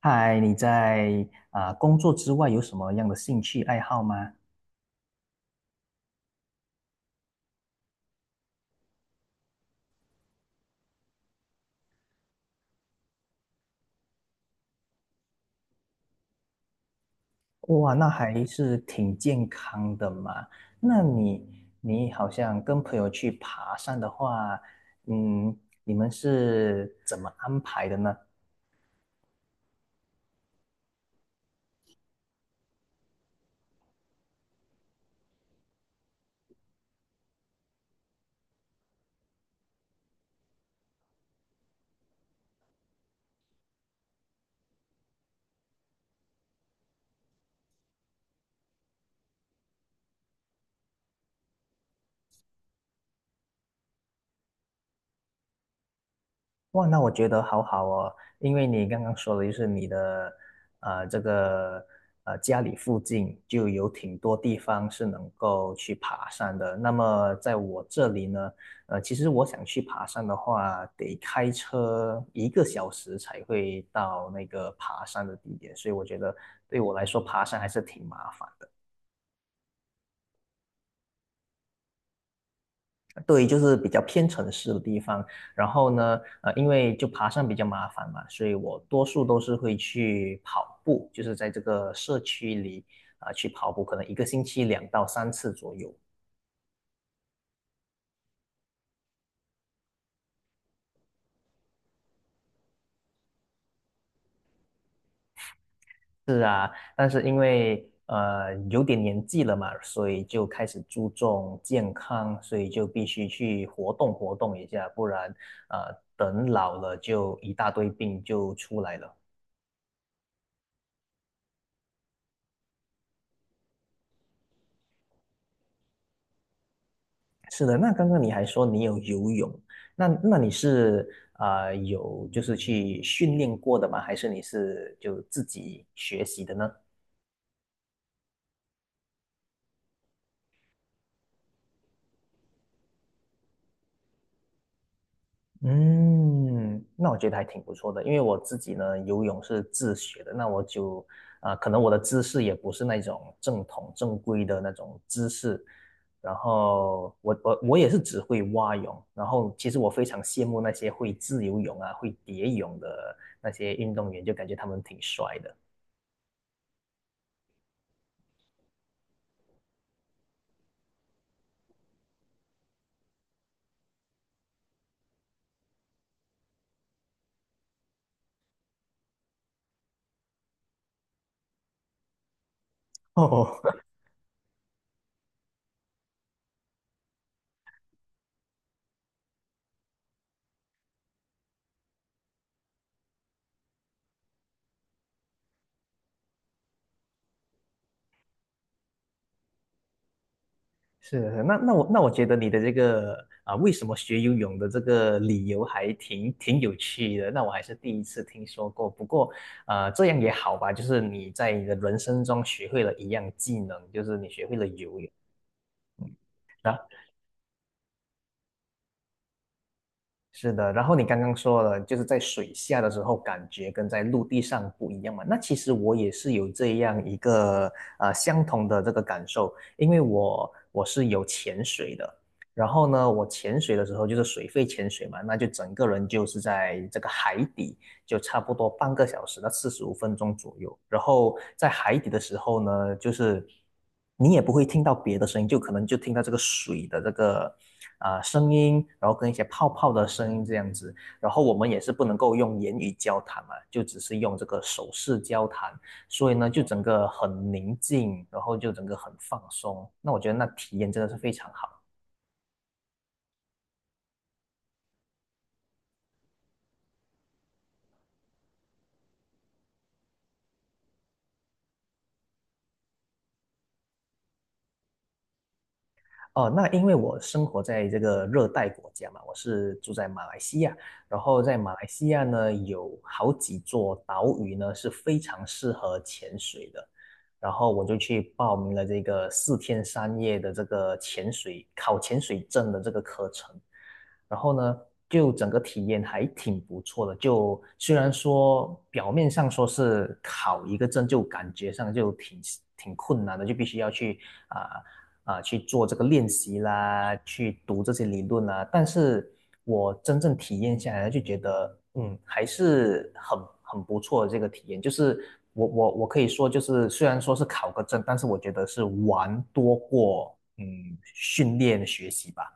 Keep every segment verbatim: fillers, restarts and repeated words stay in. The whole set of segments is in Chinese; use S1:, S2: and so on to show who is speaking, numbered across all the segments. S1: 嗨，你在啊、工作之外有什么样的兴趣爱好吗？哇，那还是挺健康的嘛。那你你好像跟朋友去爬山的话，嗯，你们是怎么安排的呢？哇，那我觉得好好哦，因为你刚刚说的就是你的，呃，这个呃家里附近就有挺多地方是能够去爬山的。那么在我这里呢，呃，其实我想去爬山的话，得开车一个小时才会到那个爬山的地点，所以我觉得对我来说爬山还是挺麻烦。对，就是比较偏城市的地方。然后呢，呃，因为就爬山比较麻烦嘛，所以我多数都是会去跑步，就是在这个社区里啊、呃去跑步，可能一个星期两到三次左右。是啊，但是因为呃有点年纪了嘛，所以就开始注重健康，所以就必须去活动活动一下，不然呃等老了就一大堆病就出来了。是的，那刚刚你还说你有游泳，那那你是啊有就是去训练过的吗？还是你是就自己学习的呢？嗯，那我觉得还挺不错的，因为我自己呢游泳是自学的，那我就啊、呃可能我的姿势也不是那种正统正规的那种姿势，然后我我我也是只会蛙泳，然后其实我非常羡慕那些会自由泳啊、会蝶泳的那些运动员，就感觉他们挺帅的。哦，是是，那那我那我觉得你的这个啊，为什么学游泳的这个理由还挺挺有趣的，那我还是第一次听说过。不过，呃，这样也好吧，就是你在你的人生中学会了一样技能，就是你学会了游泳。啊。是的，然后你刚刚说了，就是在水下的时候感觉跟在陆地上不一样嘛。那其实我也是有这样一个呃相同的这个感受，因为我我是有潜水的，然后呢，我潜水的时候就是水肺潜水嘛，那就整个人就是在这个海底，就差不多半个小时到四十五分钟左右。然后在海底的时候呢，就是你也不会听到别的声音，就可能就听到这个水的这个啊、呃声音，然后跟一些泡泡的声音这样子。然后我们也是不能够用言语交谈嘛，就只是用这个手势交谈，所以呢，就整个很宁静，然后就整个很放松。那我觉得那体验真的是非常好。哦，那因为我生活在这个热带国家嘛，我是住在马来西亚，然后在马来西亚呢，有好几座岛屿呢是非常适合潜水的，然后我就去报名了这个四天三夜的这个潜水，考潜水证的这个课程。然后呢，就整个体验还挺不错的。就虽然说表面上说是考一个证，就感觉上就挺挺困难的，就必须要去啊啊、呃呃去做这个练习啦，去读这些理论啦。但是我真正体验下来，就觉得嗯，还是很很不错的这个体验。就是我我我可以说，就是虽然说是考个证，但是我觉得是玩多过嗯训练学习吧。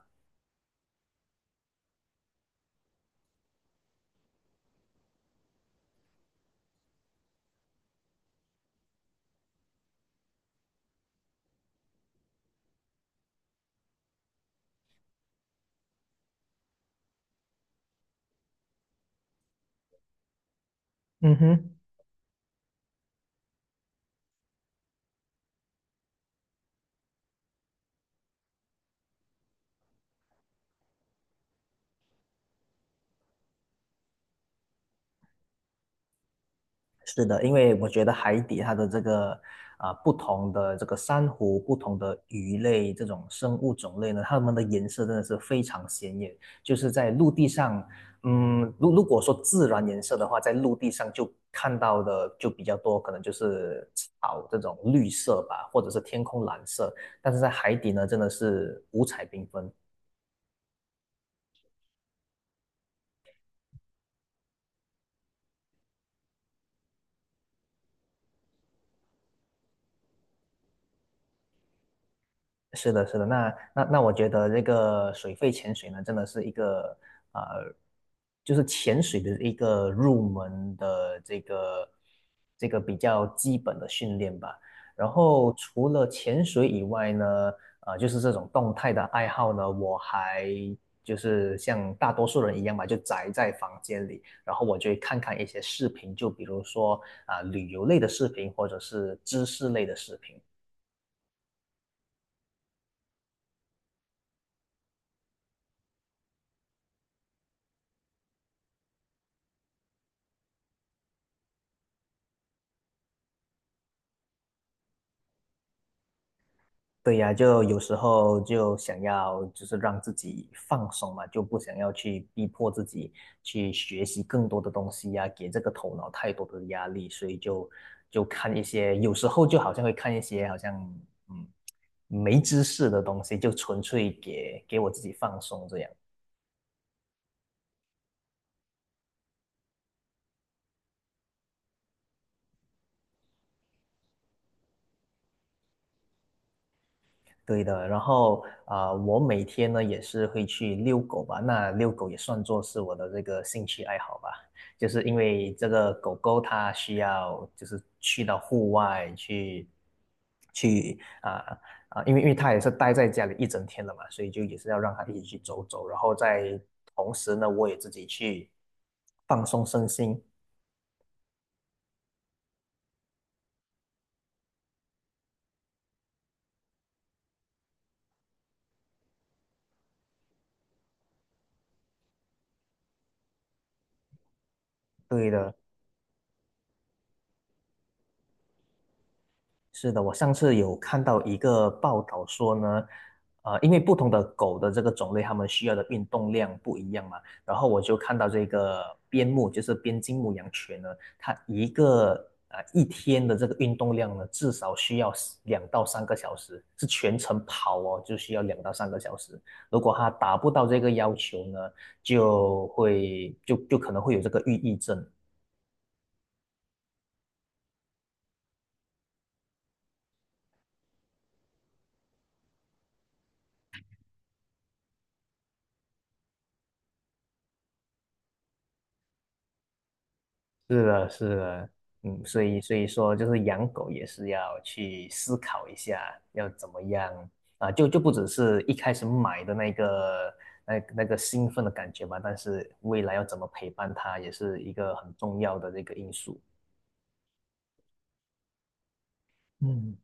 S1: 嗯哼。是的，因为我觉得海底它的这个啊、呃不同的这个珊瑚、不同的鱼类这种生物种类呢，它们的颜色真的是非常鲜艳。就是在陆地上，嗯，如如果说自然颜色的话，在陆地上就看到的就比较多，可能就是草这种绿色吧，或者是天空蓝色。但是在海底呢，真的是五彩缤纷。是的，是的，那那那，我觉得这个水肺潜水呢，真的是一个呃，就是潜水的一个入门的这个这个比较基本的训练吧。然后除了潜水以外呢，呃，就是这种动态的爱好呢，我还就是像大多数人一样吧，就宅在房间里，然后我就会看看一些视频，就比如说啊、旅游类的视频或者是知识类的视频。对呀，就有时候就想要就是让自己放松嘛，就不想要去逼迫自己去学习更多的东西呀，给这个头脑太多的压力，所以就就看一些，有时候就好像会看一些好像嗯没知识的东西，就纯粹给给我自己放松这样。对的，然后啊、呃我每天呢也是会去遛狗吧，那遛狗也算作是我的这个兴趣爱好吧，就是因为这个狗狗它需要就是去到户外去，去啊啊、因为因为它也是待在家里一整天了嘛，所以就也是要让它一起去走走，然后在同时呢，我也自己去放松身心，对的。是的，我上次有看到一个报道说呢，呃，因为不同的狗的这个种类，它们需要的运动量不一样嘛。然后我就看到这个边牧，就是边境牧羊犬呢，它一个啊呃一天的这个运动量呢，至少需要两到三个小时，是全程跑哦，就需要两到三个小时。如果它达不到这个要求呢，就会就就可能会有这个抑郁症。是的，是的，嗯，所以所以说，就是养狗也是要去思考一下，要怎么样啊，就就不只是一开始买的那个那那个兴奋的感觉吧，但是未来要怎么陪伴它，也是一个很重要的这个因素。嗯，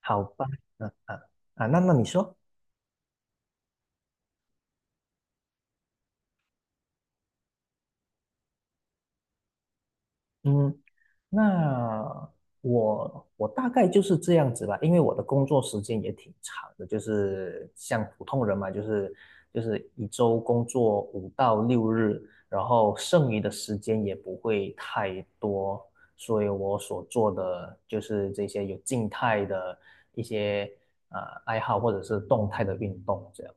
S1: 好吧，嗯啊啊，那那你说？嗯，那我我大概就是这样子吧，因为我的工作时间也挺长的，就是像普通人嘛，就是就是一周工作五到六日，然后剩余的时间也不会太多，所以我所做的就是这些有静态的一些呃爱好或者是动态的运动这样。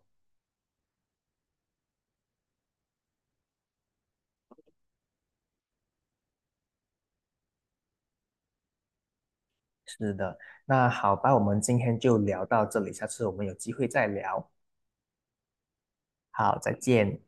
S1: 是的，那好吧，我们今天就聊到这里，下次我们有机会再聊。好，再见。